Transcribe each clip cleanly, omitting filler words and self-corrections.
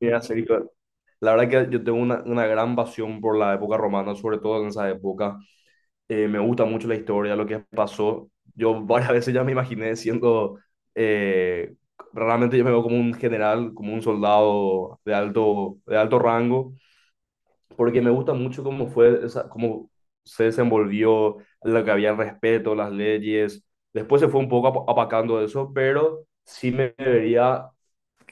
Sí, así que la verdad que yo tengo una gran pasión por la época romana, sobre todo en esa época. Me gusta mucho la historia, lo que pasó. Yo varias veces ya me imaginé siendo, eh, realmente yo me veo como un general, como un soldado de alto rango, porque me gusta mucho cómo fue, esa, cómo se desenvolvió, lo que había el respeto, las leyes. Después se fue un poco apacando eso, pero sí me vería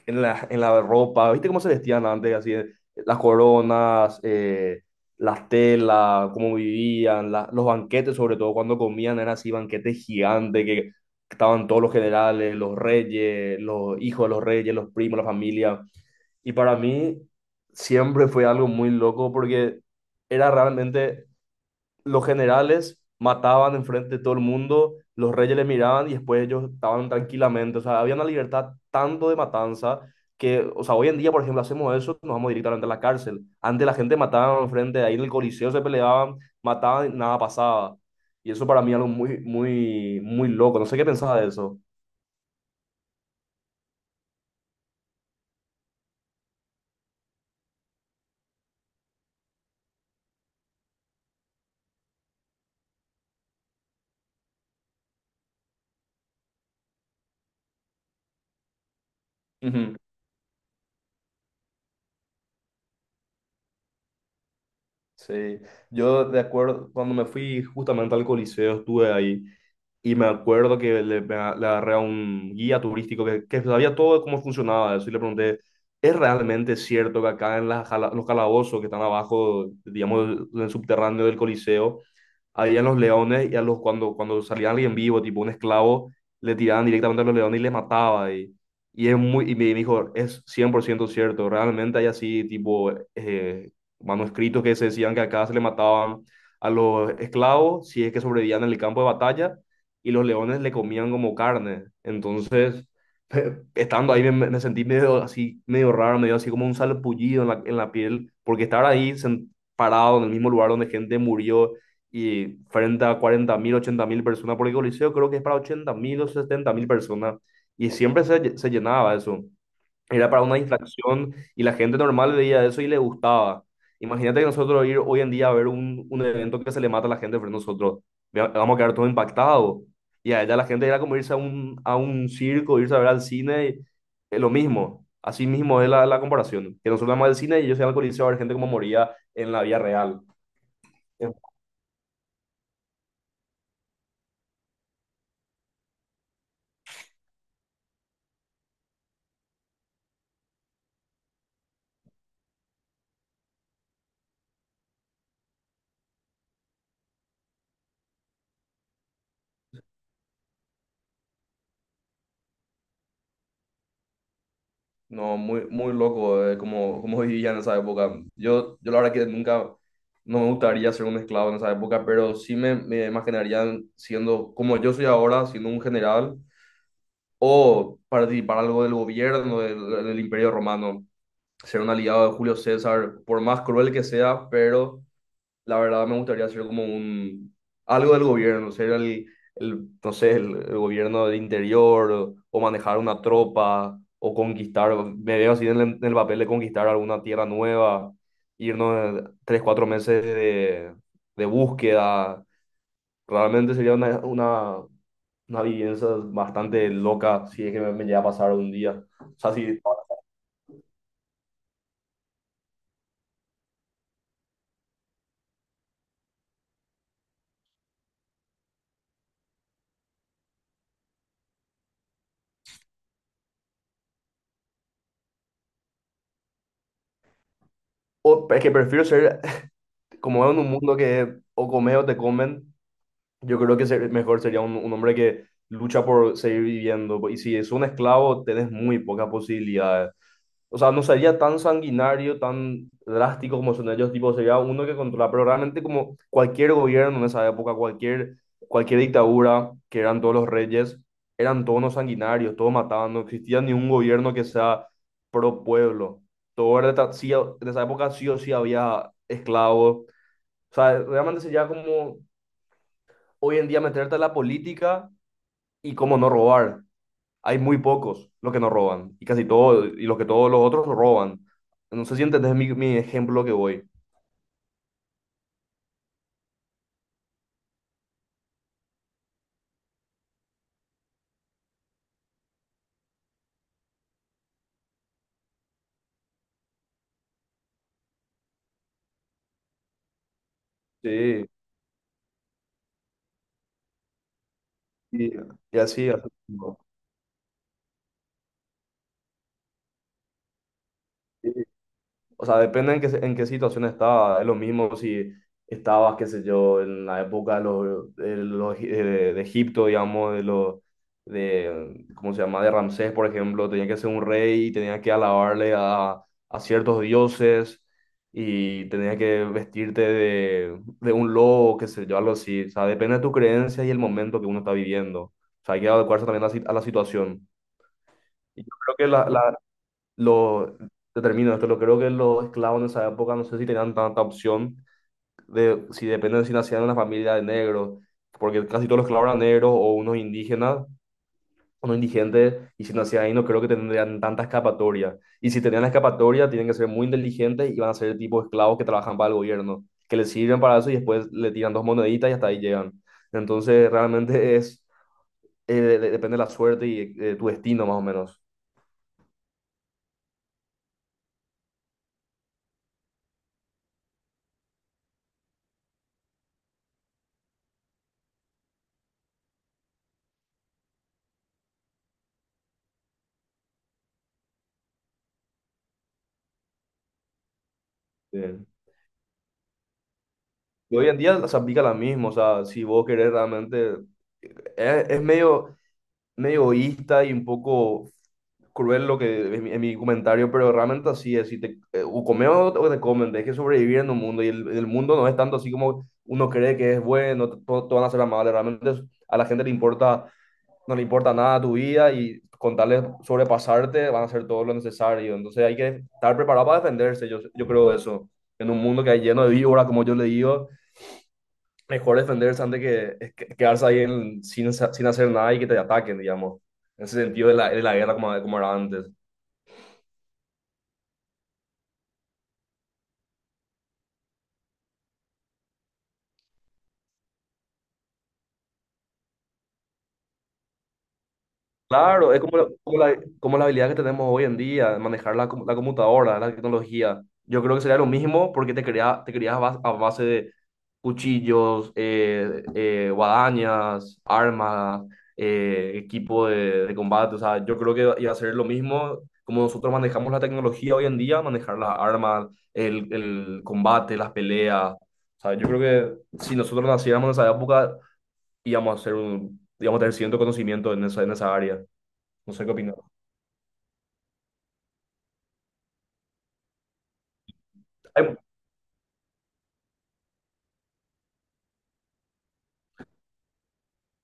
en la ropa. ¿Viste cómo se vestían antes? Así, las coronas, las telas, cómo vivían, los banquetes, sobre todo cuando comían, eran así banquetes gigantes que estaban todos los generales, los reyes, los hijos de los reyes, los primos, la familia. Y para mí siempre fue algo muy loco porque era realmente los generales mataban enfrente de todo el mundo, los reyes le miraban y después ellos estaban tranquilamente. O sea, había una libertad tanto de matanza que, o sea, hoy en día, por ejemplo, hacemos eso, nos vamos directamente a la cárcel. Antes la gente mataba enfrente, de ahí en el Coliseo se peleaban, mataban y nada pasaba. Y eso para mí es algo muy, muy, muy loco. No sé qué pensaba de eso. Ujú. Sí, yo de acuerdo, cuando me fui justamente al Coliseo, estuve ahí. Y me acuerdo que le agarré a un guía turístico que sabía todo de cómo funcionaba eso y le pregunté, ¿es realmente cierto que acá en, los calabozos que están abajo, digamos, en el subterráneo del Coliseo, habían los leones y a los, cuando salía alguien vivo, tipo un esclavo, le tiraban directamente a los leones y les mataba? Y me dijo, es 100% cierto, realmente hay así, tipo, manuscritos que se decían que acá se le mataban a los esclavos si es que sobrevivían en el campo de batalla y los leones le comían como carne. Entonces, estando ahí me sentí medio así, medio raro, medio así como un salpullido en la, piel, porque estar ahí parado en el mismo lugar donde gente murió y frente a 40.000, 80.000 personas, porque el Coliseo creo que es para 80.000 o 70.000 personas, y siempre se llenaba eso. Era para una distracción y la gente normal veía eso y le gustaba. Imagínate que nosotros ir hoy en día a ver un evento que se le mata a la gente frente a nosotros. Vamos a quedar todos impactados. Y a ella la gente era como irse a un, circo, irse a ver al cine, es lo mismo. Así mismo es la comparación. Que nosotros vamos al cine y ellos iban al coliseo a ver gente como moría en la vida real. No, muy, muy loco, como vivía en esa época. Yo la verdad que nunca, no me gustaría ser un esclavo en esa época, pero sí me imaginaría siendo, como yo soy ahora, siendo un general, o participar algo del gobierno del Imperio Romano, ser un aliado de Julio César, por más cruel que sea, pero la verdad me gustaría ser como un algo del gobierno, ser el no sé, el gobierno del interior o, manejar una tropa o conquistar, me veo así en el papel de conquistar alguna tierra nueva, irnos 3, 4 meses de búsqueda. Realmente sería una, una vivencia bastante loca si es que me llega a pasar un día. O sea, si, es que prefiero ser, como veo en un mundo que o comes o te comen. Yo creo que mejor sería un hombre que lucha por seguir viviendo. Y si es un esclavo, tenés muy pocas posibilidades. O sea, no sería tan sanguinario, tan drástico como son ellos, tipo, sería uno que controla, pero realmente como cualquier gobierno en esa época, cualquier dictadura, que eran todos los reyes, eran todos unos sanguinarios, todos mataban, no existía ni un gobierno que sea pro pueblo. Todo era, sí, en esa época sí o sí había esclavos. O sea, realmente sería como hoy en día meterte a la política y cómo no robar. Hay muy pocos los que no roban y casi todos, y los que todos los otros roban. No sé si entendés mi ejemplo que voy. Sí, y, y así. Así. O sea, depende en qué, en qué situación estaba. Es lo mismo si estabas, qué sé yo, en la época de, de Egipto, digamos, de los, de, ¿cómo se llama? De Ramsés, por ejemplo, tenía que ser un rey y tenía que alabarle a, ciertos dioses y tenía que vestirte de un lobo, qué sé yo, algo así. O sea, depende de tu creencia y el momento que uno está viviendo. O sea, hay que adecuarse también a la si- a la situación. Y yo creo que la, lo, te termino esto, lo creo que los esclavos en esa época no sé si tenían tanta opción de si dependen de si nacían en una familia de negros, porque casi todos los esclavos eran negros o unos indígenas, unos indigentes, y si nacían ahí no creo que tendrían tanta escapatoria. Y si tenían la escapatoria, tienen que ser muy inteligentes y van a ser el tipo de esclavos que trabajan para el gobierno, que les sirven para eso y después le tiran dos moneditas y hasta ahí llegan. Entonces realmente depende de la suerte y tu destino más o menos. Sí. Y hoy en día se aplica la misma. O sea, si vos querés realmente, es medio, medio egoísta y un poco cruel lo que en mi, comentario, pero realmente así es, si o comes o te comen, tenés que sobrevivir en un mundo y el mundo no es tanto así como uno cree que es bueno, todos van a ser amables, realmente a la gente le importa, no le importa nada tu vida y con tal de sobrepasarte van a hacer todo lo necesario, entonces hay que estar preparado para defenderse, yo creo eso, en un mundo que hay lleno de víboras, como yo le digo. Mejor defenderse antes que quedarse ahí sin hacer nada y que te ataquen, digamos. En ese sentido de la, guerra como era antes. Claro, es como la habilidad que tenemos hoy en día, manejar la, la computadora, la tecnología. Yo creo que sería lo mismo porque te creas a base, de cuchillos, guadañas, armas, equipo de, combate. O sea, yo creo que iba a ser lo mismo como nosotros manejamos la tecnología hoy en día, manejar las armas, el combate, las peleas. O sea, yo creo que si nosotros naciéramos en esa época, íbamos a ser un, íbamos a tener cierto conocimiento en esa área. No sé qué opinas. Hay-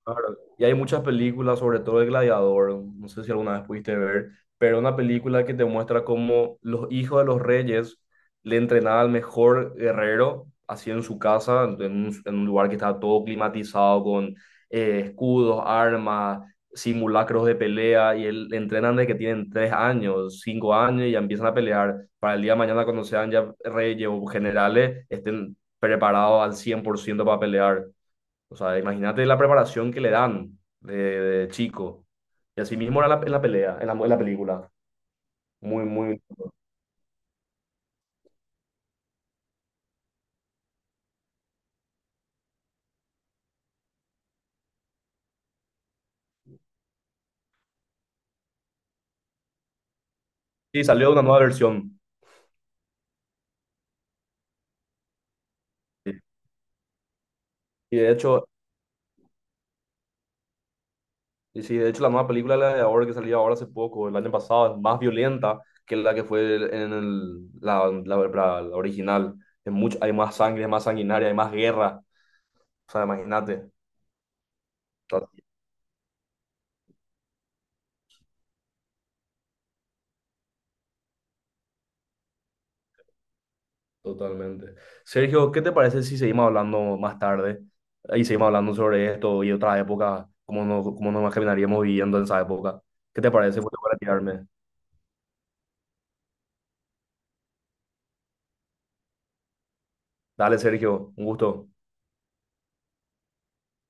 claro, y hay muchas películas, sobre todo de Gladiador. No sé si alguna vez pudiste ver, pero una película que te muestra cómo los hijos de los reyes le entrenaban al mejor guerrero, así en su casa, en un lugar que estaba todo climatizado con escudos, armas, simulacros de pelea, y él, le entrenan desde que tienen 3 años, 5 años, y ya empiezan a pelear para el día de mañana cuando sean ya reyes o generales, estén preparados al 100% para pelear. O sea, imagínate la preparación que le dan de, chico. Y así mismo era en la pelea, en la película. Muy, muy... Sí, salió una nueva versión. Sí. Y de hecho, de hecho, la nueva película, la de ahora que salió ahora hace poco, el año pasado, es más violenta que la que fue el- en el- la- la original. Es mucho, hay más sangre, es más sanguinaria, hay más guerra. O sea, imagínate. Totalmente. Sergio, ¿qué te parece si seguimos hablando más tarde y seguimos hablando sobre esto y otras épocas, cómo cómo nos imaginaríamos viviendo en esa época? ¿Qué te parece? Voy a retirarme. Dale, Sergio, un gusto.